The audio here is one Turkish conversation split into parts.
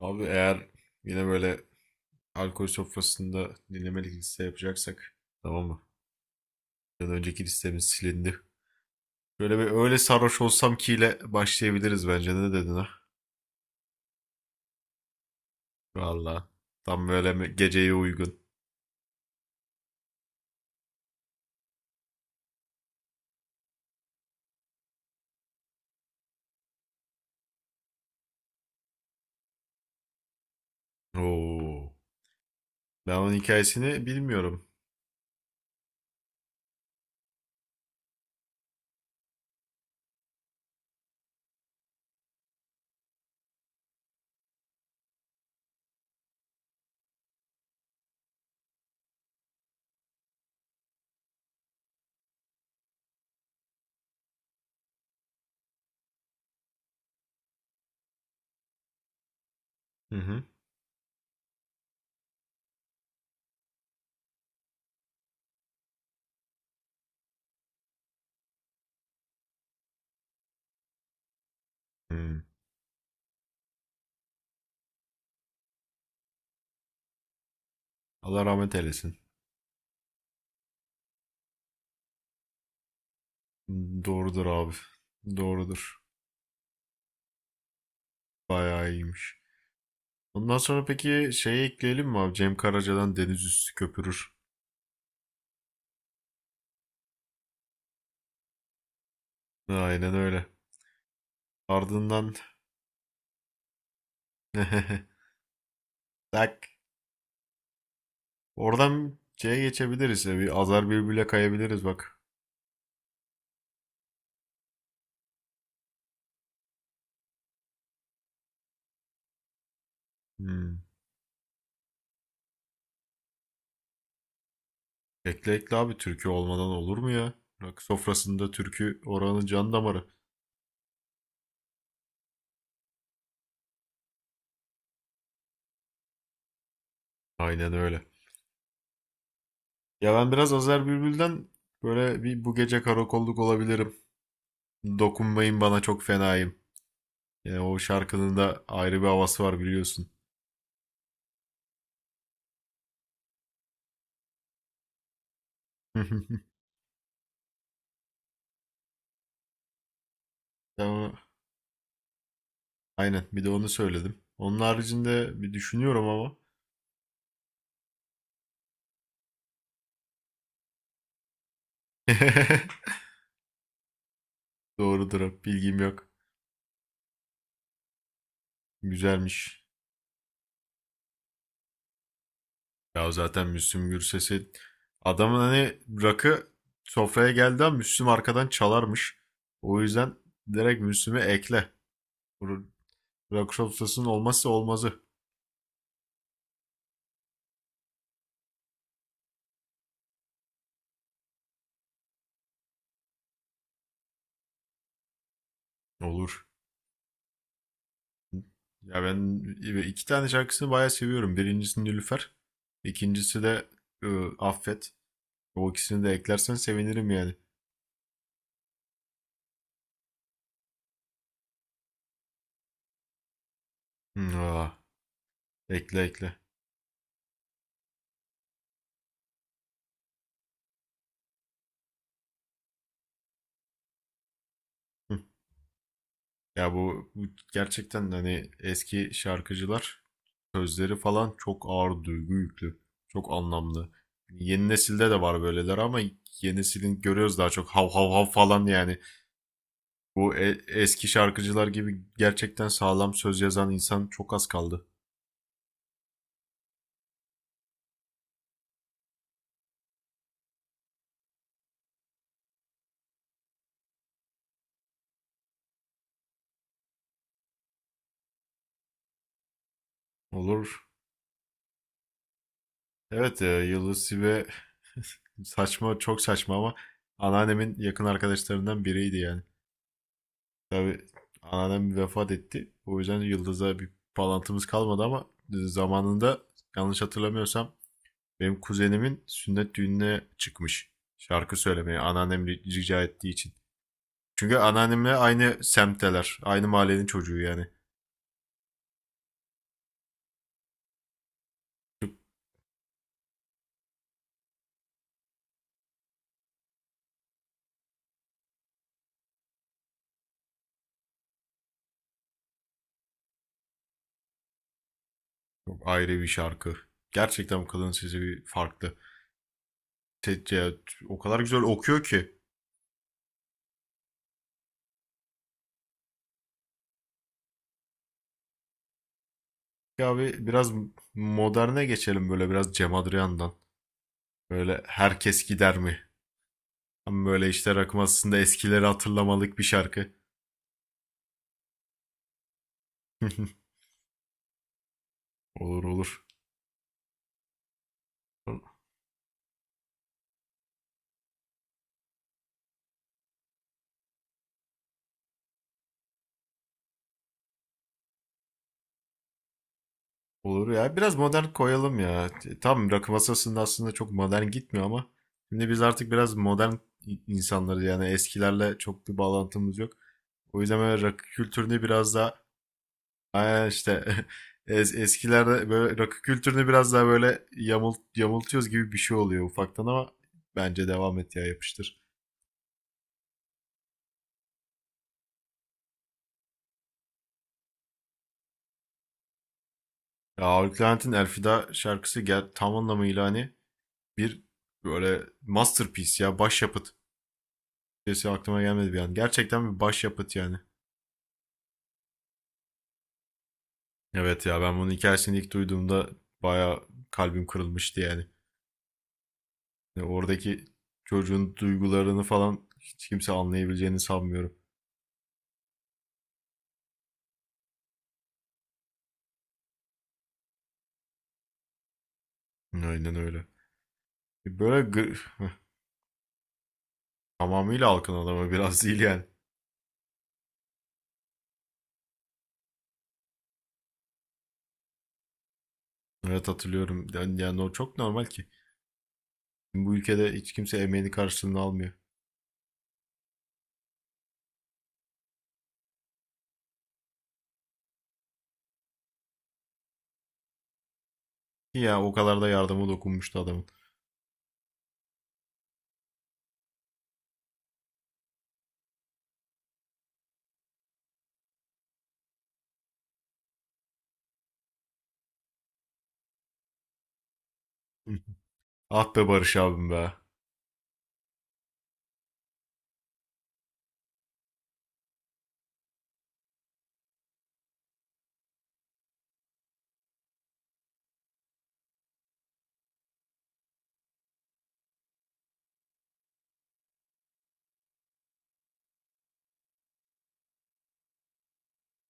Abi eğer yine böyle alkol sofrasında dinlemelik liste yapacaksak, tamam mı? Ya da önceki listemiz silindi. Böyle bir öyle sarhoş olsam ki ile başlayabiliriz bence. Ne dedin ha? Valla. Tam böyle geceye uygun. Oo. Ben onun hikayesini bilmiyorum. Hı hı. Hı. Allah rahmet eylesin. Doğrudur abi. Doğrudur. Bayağı iyiymiş. Ondan sonra peki şeyi ekleyelim mi abi? Cem Karaca'dan Deniz Üstü Köpürür. Aynen öyle. Ardından bak oradan şeye geçebiliriz ya. Bir azar birbirine kayabiliriz bak. Hmm. Ekle ekle abi, türkü olmadan olur mu ya? Rock sofrasında türkü oranın can damarı. Aynen öyle. Ya ben biraz Azer Bülbül'den böyle bir bu gece karakolluk olabilirim. Dokunmayın bana, çok fenayım. Yani o şarkının da ayrı bir havası var, biliyorsun. Tamam. Aynen, bir de onu söyledim. Onun haricinde bir düşünüyorum ama. Doğrudur, bilgim yok. Güzelmiş. Ya zaten Müslüm Gürses'i, adamın hani rakı sofraya geldi ama Müslüm arkadan çalarmış. O yüzden direkt Müslüm'ü ekle. Bu rakı sofrasının olmazsa olmazı, olur. Ya ben iki tane şarkısını bayağı seviyorum. Birincisi Nilüfer. İkincisi de Affet. O ikisini de eklersen sevinirim yani. Hı, aa, ekle ekle. Hı. Ya bu gerçekten hani eski şarkıcılar, sözleri falan çok ağır, duygu yüklü. Çok anlamlı. Yeni nesilde de var böyleler ama yeni nesilin görüyoruz, daha çok hav hav hav falan yani. Bu eski şarkıcılar gibi gerçekten sağlam söz yazan insan çok az kaldı. Olur. Evet Yıldız ve saçma, çok saçma ama anneannemin yakın arkadaşlarından biriydi yani. Tabii anneannem vefat etti. O yüzden Yıldız'a bir bağlantımız kalmadı ama zamanında, yanlış hatırlamıyorsam, benim kuzenimin sünnet düğününe çıkmış. Şarkı söylemeye, anneannem rica ettiği için. Çünkü anneannemle aynı semtteler. Aynı mahallenin çocuğu yani. Çok ayrı bir şarkı. Gerçekten bu kadının sesi bir farklı. Te- ce- O kadar güzel okuyor ki. Ya abi biraz moderne geçelim, böyle biraz Cem Adrian'dan. Böyle herkes gider mi? Ama böyle işte rakım aslında eskileri hatırlamalık bir şarkı. Olur olur. Olur ya. Biraz modern koyalım ya. Tam rakı masasında aslında çok modern gitmiyor ama şimdi biz artık biraz modern insanlarız, yani eskilerle çok bir bağlantımız yok. O yüzden böyle rakı kültürünü biraz daha. Aynen işte eskilerde böyle rakı kültürünü biraz daha böyle yamultuyoruz gibi bir şey oluyor ufaktan ama bence devam et ya, yapıştır. Ya Ağır Levent'in Elfida şarkısı, gel tam anlamıyla hani bir böyle masterpiece ya, başyapıt. Türkçesi aklıma gelmedi bir an. Gerçekten bir başyapıt yani. Evet ya, ben bunun hikayesini ilk duyduğumda bayağı kalbim kırılmıştı yani. Yani oradaki çocuğun duygularını falan hiç kimse anlayabileceğini sanmıyorum. Aynen öyle. Böyle tamamıyla halkın adamı biraz değil yani. Evet, hatırlıyorum. Yani o çok normal ki. Bu ülkede hiç kimse emeğini, karşılığını almıyor. Ki ya o kadar da yardıma dokunmuştu adamın. Ah be Barış abim be.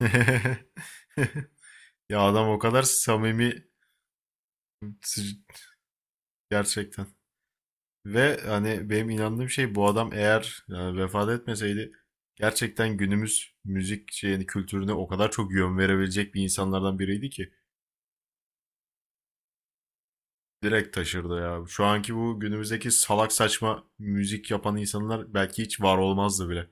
Ya adam o kadar samimi. Gerçekten. Ve hani benim inandığım şey, bu adam eğer yani vefat etmeseydi, gerçekten günümüz müzik şeyini yani, kültürüne o kadar çok yön verebilecek bir insanlardan biriydi ki direkt taşırdı ya. Şu anki, bu günümüzdeki salak saçma müzik yapan insanlar belki hiç var olmazdı bile.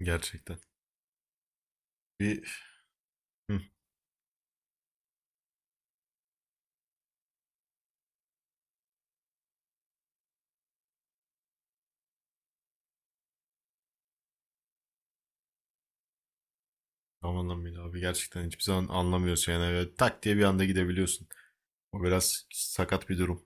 Gerçekten. Bir hı, tam anlamıyla abi, gerçekten hiçbir zaman anlamıyorsun yani. Böyle tak diye bir anda gidebiliyorsun. O biraz sakat bir durum.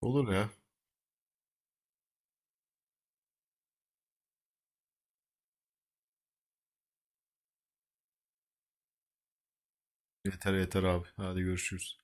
Olur ya. Yeter yeter abi. Hadi görüşürüz.